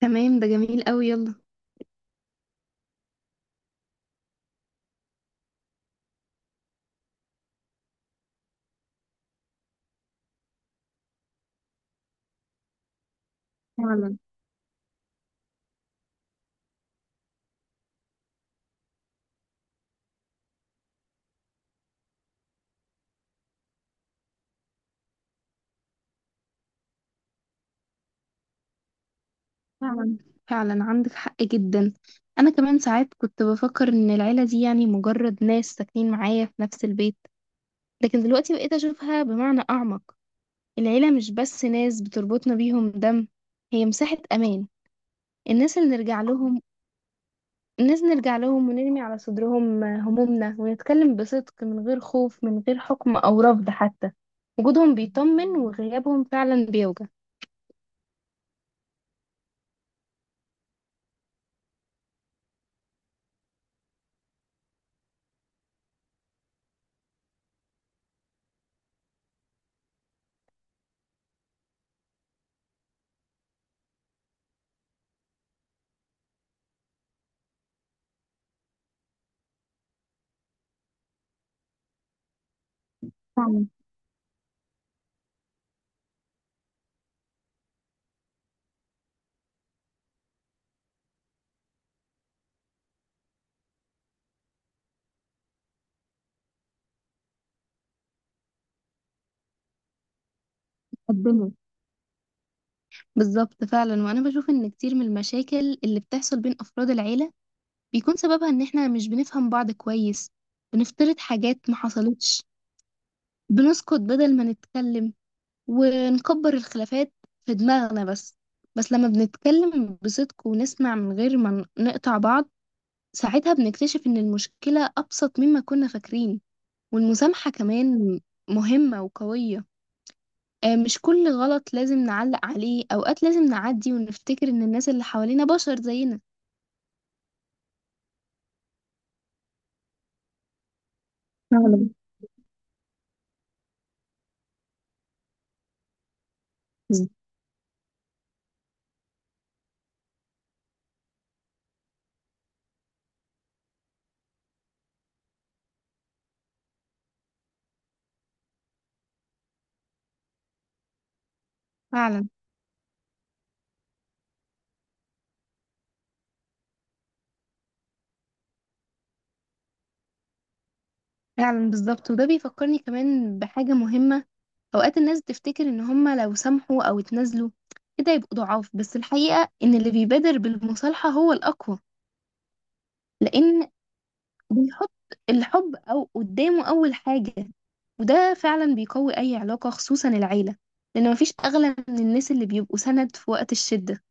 تمام، ده جميل قوي، يلا. فعلا فعلا. فعلا، عندك حق جدا. انا كمان ساعات كنت بفكر ان العيله دي يعني مجرد ناس ساكنين معايا في نفس البيت، لكن دلوقتي بقيت اشوفها بمعنى اعمق. العيله مش بس ناس بتربطنا بيهم دم، هي مساحه امان. الناس اللي نرجع لهم، الناس نرجع لهم ونرمي على صدرهم همومنا ونتكلم بصدق من غير خوف، من غير حكم او رفض حتى. وجودهم بيطمن، وغيابهم فعلا بيوجع. فعلا. الدنيا. بالظبط، فعلا. وانا بشوف ان كتير من المشاكل اللي بتحصل بين افراد العيله بيكون سببها ان احنا مش بنفهم بعض كويس، بنفترض حاجات ما حصلتش، بنسكت بدل ما نتكلم ونكبر الخلافات في دماغنا بس. بس لما بنتكلم بصدق ونسمع من غير ما نقطع بعض، ساعتها بنكتشف ان المشكله ابسط مما كنا فاكرين. والمسامحه كمان مهمه وقويه. آه، مش كل غلط لازم نعلق عليه، أوقات لازم نعدي ونفتكر إن الناس اللي حوالينا بشر زينا. فعلا. فعلا. فعلا. بالظبط، وده بيفكرني كمان بحاجة مهمة. أوقات الناس بتفتكر إن هما لو سامحوا أو اتنازلوا كده يبقوا ضعاف، بس الحقيقة إن اللي بيبادر بالمصالحة هو الأقوى. لأن بيحط الحب أو قدامه أول حاجة، وده فعلا بيقوي أي علاقة، خصوصا العيلة، لأن مفيش أغلى من الناس اللي بيبقوا سند في وقت الشدة.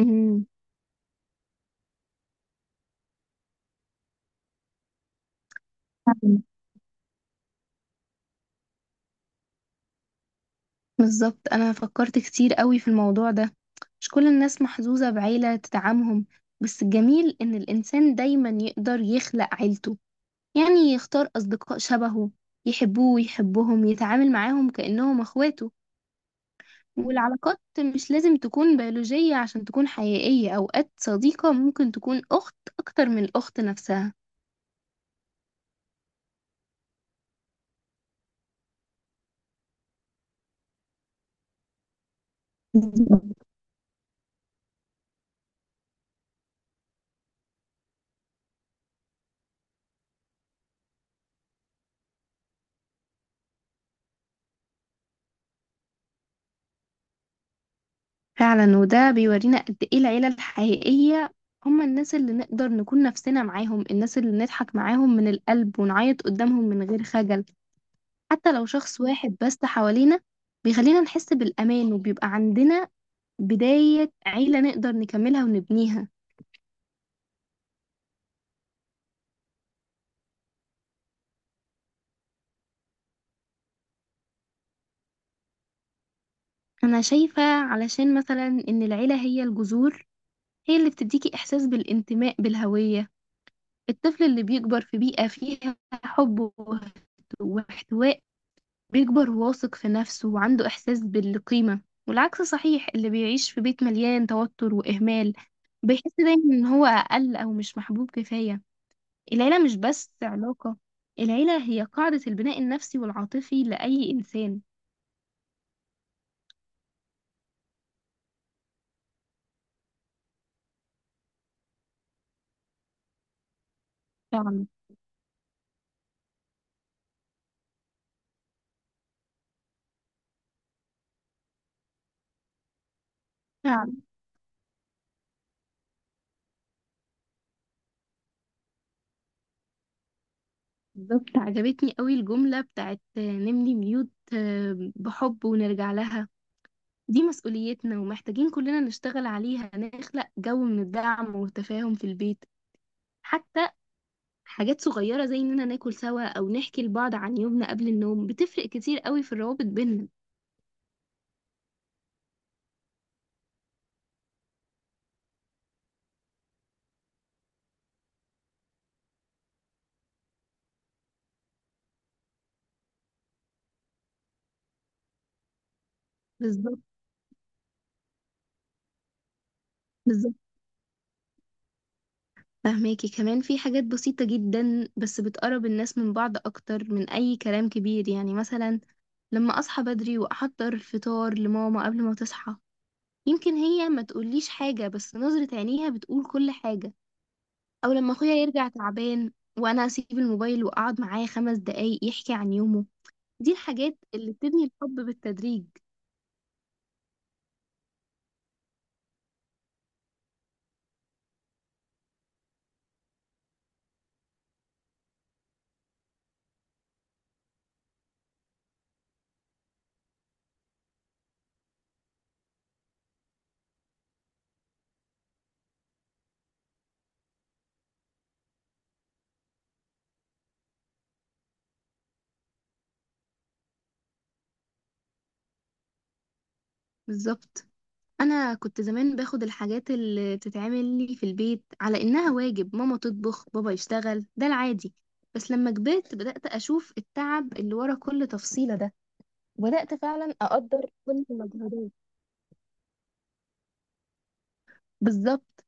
امم بالظبط، انا فكرت كتير قوي في الموضوع ده. مش كل الناس محظوظة بعيلة تدعمهم، بس الجميل ان الانسان دايما يقدر يخلق عيلته، يعني يختار اصدقاء شبهه يحبوه ويحبهم، يتعامل معاهم كأنهم اخواته. والعلاقات مش لازم تكون بيولوجية عشان تكون حقيقية، اوقات صديقة ممكن تكون اخت اكتر من الاخت نفسها. فعلا، وده بيورينا قد ايه العيلة الحقيقية، هما الناس اللي نقدر نكون نفسنا معاهم، الناس اللي نضحك معاهم من القلب ونعيط قدامهم من غير خجل. حتى لو شخص واحد بس حوالينا بيخلينا نحس بالأمان، وبيبقى عندنا بداية عيلة نقدر نكملها ونبنيها. أنا شايفة، علشان مثلا، إن العيلة هي الجذور، هي اللي بتديكي إحساس بالانتماء، بالهوية. الطفل اللي بيكبر في بيئة فيها حب واحتواء بيكبر واثق في نفسه وعنده إحساس بالقيمة، والعكس صحيح، اللي بيعيش في بيت مليان توتر وإهمال بيحس دايما إن هو أقل أو مش محبوب كفاية. العيلة مش بس علاقة، العيلة هي قاعدة البناء النفسي والعاطفي لأي إنسان. فعلا. فعلا. بالظبط، عجبتني قوي الجملة بتاعت نبني بيوت بحب ونرجع لها. دي مسؤوليتنا، ومحتاجين كلنا نشتغل عليها، نخلق جو من الدعم والتفاهم في البيت، حتى حاجات صغيرة زي إننا ناكل سوا أو نحكي لبعض عن يومنا قبل النوم بتفرق كتير قوي في الروابط بيننا. بالظبط. بالظبط، فهماكي، كمان في حاجات بسيطة جدا بس بتقرب الناس من بعض أكتر من أي كلام كبير، يعني مثلا لما أصحى بدري وأحضر الفطار لماما قبل ما تصحى، يمكن هي ما تقوليش حاجة بس نظرة عينيها بتقول كل حاجة. أو لما أخويا يرجع تعبان وأنا أسيب الموبايل وأقعد معاه 5 دقايق يحكي عن يومه، دي الحاجات اللي بتبني الحب بالتدريج. بالظبط، انا كنت زمان باخد الحاجات اللي بتتعمل لي في البيت على انها واجب، ماما تطبخ، بابا يشتغل، ده العادي، بس لما كبرت بدأت اشوف التعب اللي ورا كل تفصيلة ده، وبدأت فعلا اقدر كل المجهودات. بالظبط،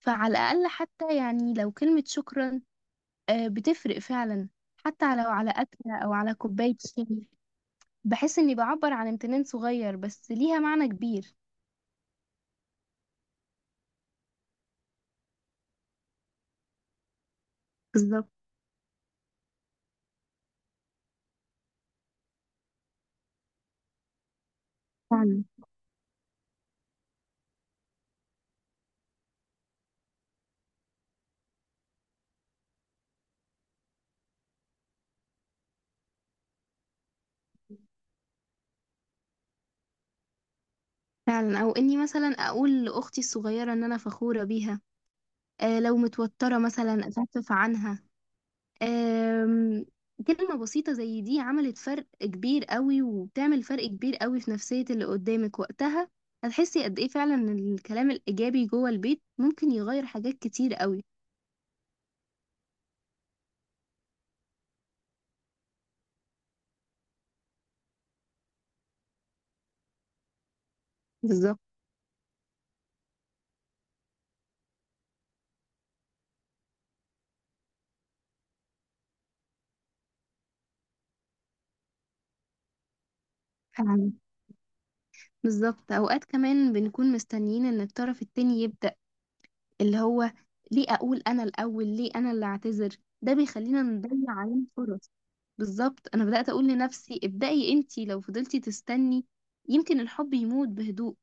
فعلى الاقل حتى يعني لو كلمة شكرا بتفرق فعلا، حتى لو على اكلة او على كوباية شاي. بحس اني بعبر عن امتنان صغير بس ليها معنى كبير. بالظبط. فعلا. فعلا، او اني مثلا اقول لاختي الصغيره ان انا فخوره بيها، لو متوترة مثلا أخفف عنها. آم، كلمة بسيطة زي دي عملت فرق كبير قوي وبتعمل فرق كبير قوي في نفسية اللي قدامك وقتها، هتحسي قد إيه فعلا إن الكلام الإيجابي جوه البيت ممكن يغير حاجات كتير قوي. بالظبط. فعلا. بالظبط، أوقات كمان بنكون مستنيين إن الطرف التاني يبدأ، اللي هو ليه اقول انا الاول، ليه انا اللي اعتذر، ده بيخلينا نضيع علينا فرص. بالظبط، انا بدأت اقول لنفسي ابدأي انتي، لو فضلتي تستني يمكن الحب يموت بهدوء،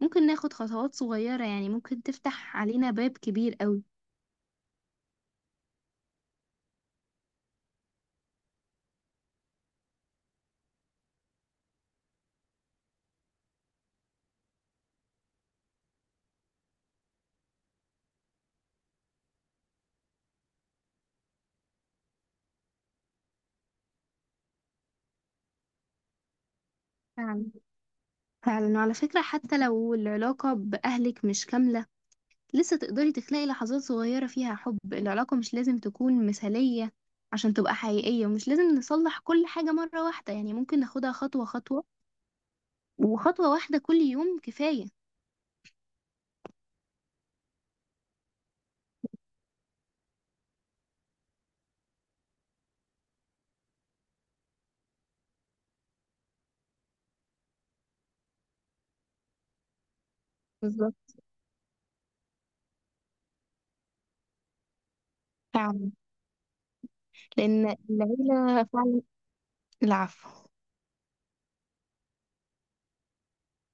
ممكن ناخد خطوات صغيرة يعني ممكن تفتح علينا باب كبير قوي. فعلا. فعلا، وعلى فكرة حتى لو العلاقة بأهلك مش كاملة، لسه تقدري تخلقي لحظات صغيرة فيها حب، العلاقة مش لازم تكون مثالية عشان تبقى حقيقية، ومش لازم نصلح كل حاجة مرة واحدة، يعني ممكن ناخدها خطوة خطوة. وخطوة واحدة كل يوم كفاية. بالظبط. فعلا. لأن العيلة فعلا. العفو.